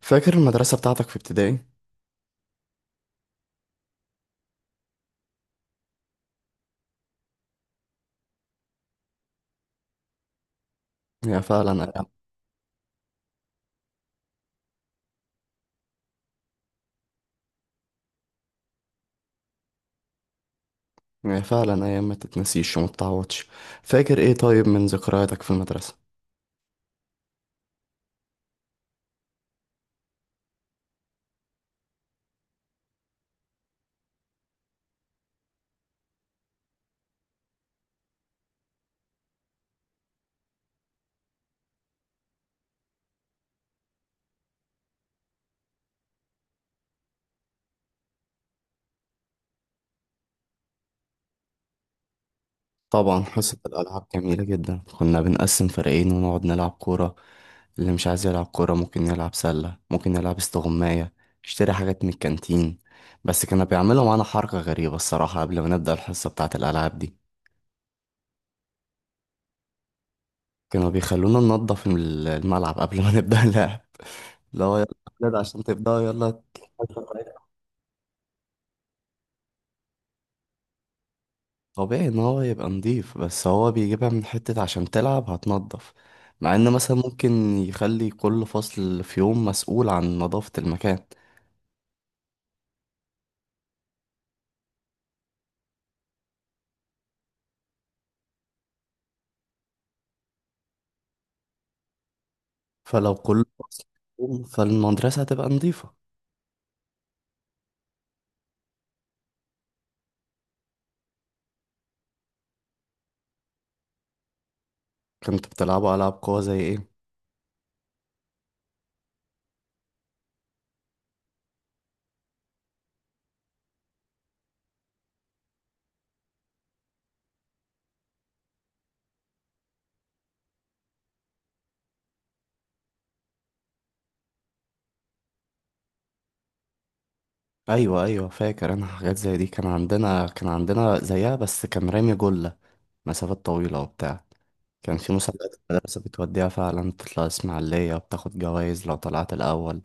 فاكر المدرسة بتاعتك في ابتدائي؟ هي فعلا أيام. هي فعلا أيام ما تتنسيش وما تتعوضش. فاكر إيه طيب من ذكرياتك في المدرسة؟ طبعا حصة الألعاب جميلة جدا، كنا بنقسم فريقين ونقعد نلعب كورة. اللي مش عايز يلعب كورة ممكن يلعب سلة، ممكن يلعب استغماية، يشتري حاجات من الكانتين. بس كانوا بيعملوا معانا حركة غريبة الصراحة قبل ما نبدأ الحصة بتاعة الألعاب دي. كانوا بيخلونا ننضف الملعب قبل ما نبدأ اللعب. اللي هو يلا يا ولاد عشان تبدأوا، يلا. طبيعي ان هو يبقى نضيف، بس هو بيجيبها من حتة عشان تلعب هتنضف. مع ان مثلا ممكن يخلي كل فصل في يوم مسؤول عن نظافة المكان، فلو كل فصل في يوم فالمدرسة هتبقى نضيفة. كنت بتلعبوا ألعاب قوة زي ايه؟ ايوه ايوه، فاكر انا حاجات زي دي. كان عندنا زيها، بس كان رامي جلة، مسافات طويلة وبتاع. كان في مسابقات المدرسة بتوديها فعلا، بتطلع إسماعيلية، بتاخد جوايز لو طلعت الأول.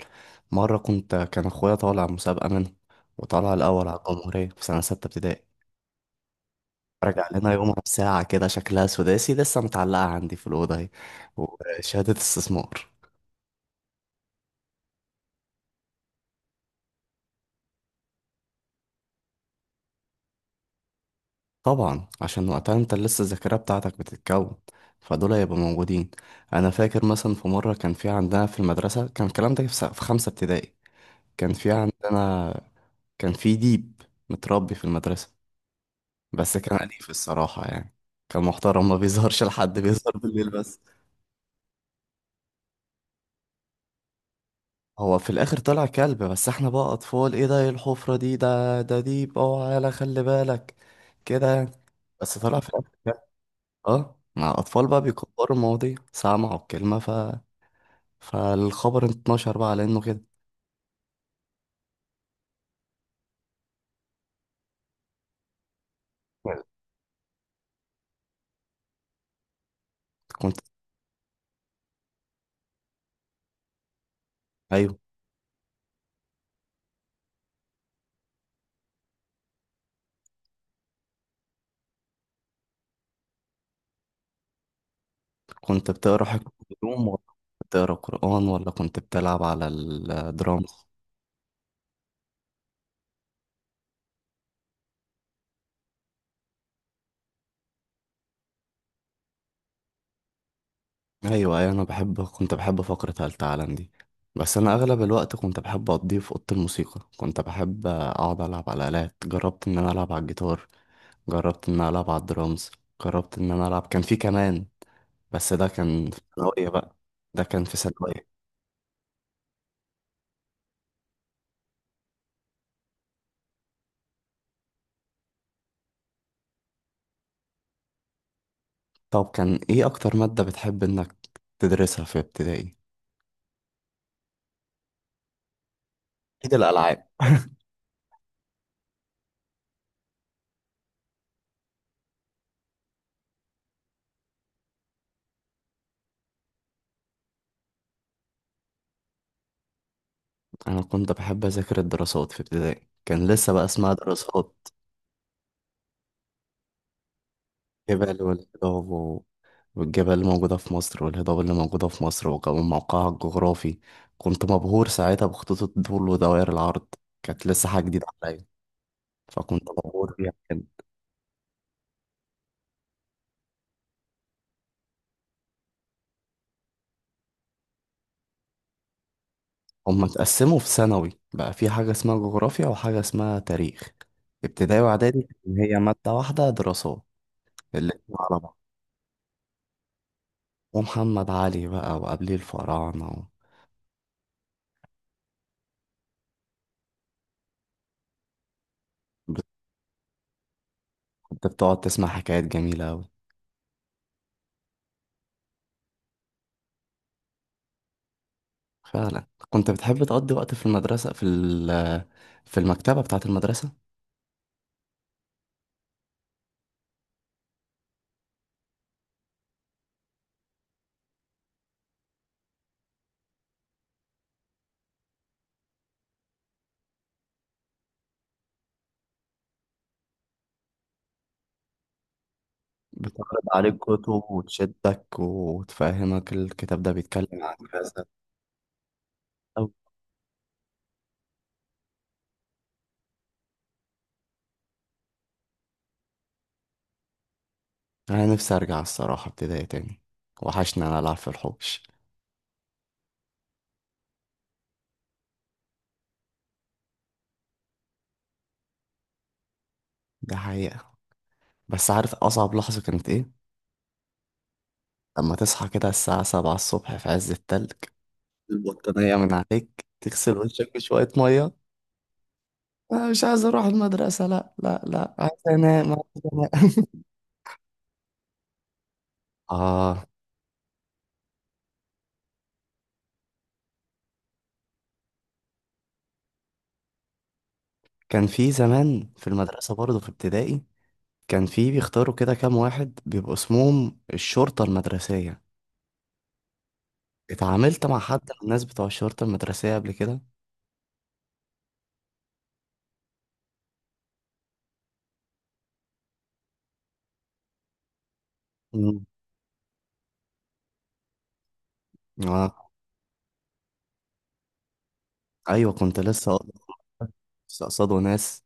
مرة كنت، كان أخويا طالع مسابقة منه، وطلع الأول على الجمهورية في سنة 6 ابتدائي. رجع لنا يومها بساعة كده شكلها سداسي لسه متعلقة عندي في الأوضة أهي، وشهادة استثمار. طبعا عشان وقتها أنت لسه الذاكرة بتاعتك بتتكون، فدول هيبقوا موجودين. أنا فاكر مثلا في مرة كان في عندنا في المدرسة، كان الكلام ده في في 5 ابتدائي. كان في عندنا، كان في ديب متربي في المدرسة، بس كان أليف الصراحة يعني. كان محترم، ما بيظهرش لحد، بيظهر بالليل بس. هو في الآخر طلع كلب، بس احنا بقى أطفال: ايه ده؟ ايه الحفرة دي؟ ده ده ديب، اوعى، يالا خلي بالك كده يعني. بس طلع في الآخر كلب. اه، مع أطفال بقى بيكبروا المواضيع، سمعوا الكلمة فالخبر اتنشر بقى على إنه كده. كنت، أيوه كنت بتقرا حاجة في الهدوم، ولا كنت بتقرا قرآن، ولا كنت بتلعب على الدرامز؟ ايوه أيوة، انا بحب كنت بحب فقرة هل تعلم دي. بس انا اغلب الوقت كنت بحب اقضيه في اوضه الموسيقى، كنت بحب اقعد العب على الالات. جربت ان انا العب على الجيتار، جربت ان انا العب على الدرامز، جربت ان انا العب، كان في كمان، بس ده كان في ثانويه بقى. ده كان في ثانويه. طب كان ايه اكتر ماده بتحب انك تدرسها في ابتدائي؟ اكيد الالعاب. انا كنت بحب اذاكر الدراسات في ابتدائي، كان لسه بقى اسمها دراسات. جبل والجواب، والجبال اللي موجودة في مصر والهضاب اللي موجودة في مصر، وكمان موقعها الجغرافي. كنت مبهور ساعتها بخطوط الطول ودوائر العرض، كانت لسه حاجة جديدة عليا، فكنت مبهور بيها كده. هما اتقسموا في ثانوي بقى في حاجة اسمها جغرافيا وحاجة اسمها تاريخ. ابتدائي وإعدادي كان هي مادة واحدة، دراسات، الاتنين على بعض. ومحمد علي بقى وقبليه الفراعنة كنت بتقعد تسمع حكايات جميلة أوي. فعلا كنت بتحب تقضي وقت في المدرسة في في المكتبة بتاعة المدرسة. بتعرض عليك كتب وتشدك وتفهمك الكتاب ده بيتكلم عن كذا، أو أنا نفسي أرجع الصراحة ابتدائي تاني، وحشني أنا ألعب في الحوش. ده حقيقة. بس عارف أصعب لحظة كانت إيه؟ لما تصحى كده الساعة 7 الصبح في عز التلج، البطانية من عليك، تغسل وشك بشوية مية. أنا مش عايز أروح المدرسة، لأ لأ لأ، عايز أنام، عايز أنام. آه. كان في زمان في المدرسة برضه في ابتدائي، كان في بيختاروا كده كام واحد بيبقوا اسمهم الشرطة المدرسية. اتعاملت مع حد من الناس بتوع الشرطة المدرسية قبل كده؟ مم. آه. أيوة كنت لسه لسه قصادوا ناس،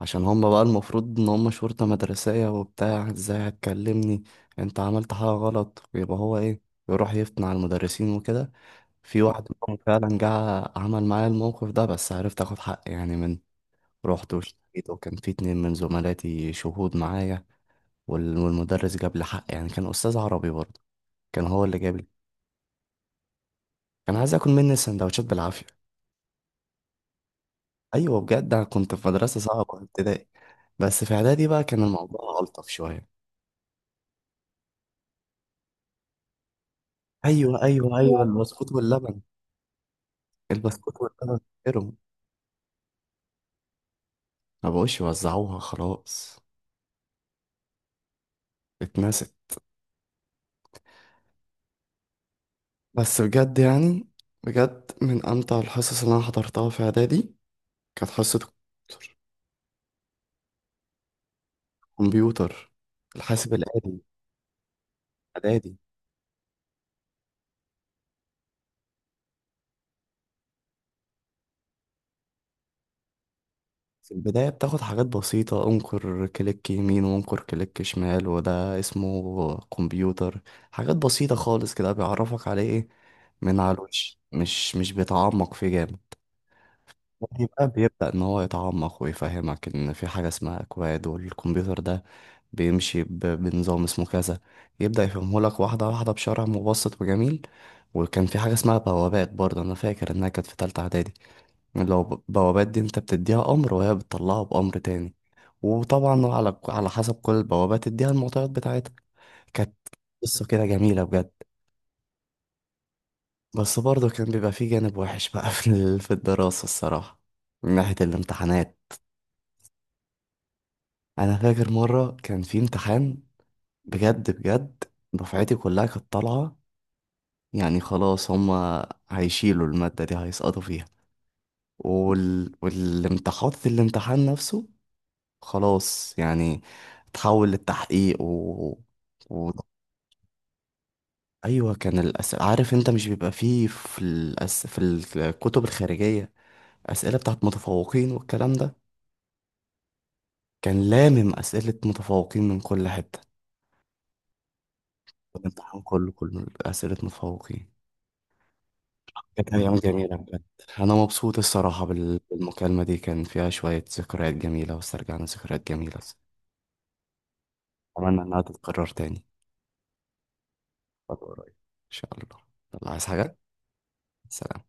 عشان هم بقى المفروض إن هم شرطة مدرسية وبتاع، ازاي هتكلمني؟ انت عملت حاجة غلط ويبقى هو ايه، يروح يفتن على المدرسين وكده. في واحد منهم فعلا جه عمل معايا الموقف ده، بس عرفت اخد حقي يعني. من، رحت واشتكيت، وكان في 2 من زملاتي شهود معايا، والمدرس جاب لي حق يعني. كان أستاذ عربي برضه، كان هو اللي جاب لي. كان عايز آكل مني السندوتشات بالعافية. أيوة بجد، أنا كنت في مدرسة صعبة في ابتدائي، بس في إعدادي بقى كان الموضوع ألطف شوية. أيوة أيوة أيوة، البسكوت واللبن. البسكوت واللبن، فاكرهم. ما بقوش يوزعوها خلاص، اتنست. بس بجد يعني، بجد من أمتع الحصص اللي أنا حضرتها في إعدادي كانت حصة كمبيوتر، الحاسب الآلي. إعدادي. في البداية بتاخد حاجات بسيطة: انقر كليك يمين وانقر كليك شمال وده اسمه كمبيوتر. حاجات بسيطة خالص كده، بيعرفك عليه ايه، من على الوش، مش بيتعمق فيه جامد. يبقى بيبدأ ان هو يتعمق ويفهمك ان في حاجة اسمها اكواد، والكمبيوتر ده بيمشي بنظام اسمه كذا. يبدأ يفهمهولك واحدة واحدة بشرح مبسط وجميل. وكان في حاجة اسمها بوابات برضه، انا فاكر انها كانت في تالتة اعدادي. لو بوابات دي انت بتديها امر وهي بتطلعه بامر تاني، وطبعا على حسب كل البوابات تديها المعطيات بتاعتها. كانت قصة كده جميلة بجد. بس برضه كان بيبقى فيه جانب وحش بقى في في الدراسة الصراحة، من ناحية الامتحانات. انا فاكر مرة كان في امتحان، بجد بجد، دفعتي كلها كانت طالعة، يعني خلاص هما هيشيلوا المادة دي هيسقطوا فيها. والامتحان، الامتحان نفسه، خلاص يعني، تحول للتحقيق و... ايوه، كان الاسئله، عارف انت مش بيبقى فيه في في الكتب الخارجيه اسئله بتاعت متفوقين والكلام ده. كان لامم اسئله متفوقين من كل حته، الامتحان كله، كله اسئله متفوقين. كانت ايام جميله بجد. انا مبسوط الصراحه بالمكالمه دي، كان فيها شويه ذكريات جميله واسترجعنا ذكريات جميله. اتمنى انها تتكرر تاني فترة قريبة. ان شاء الله. يلا، عايز حاجه؟ سلام.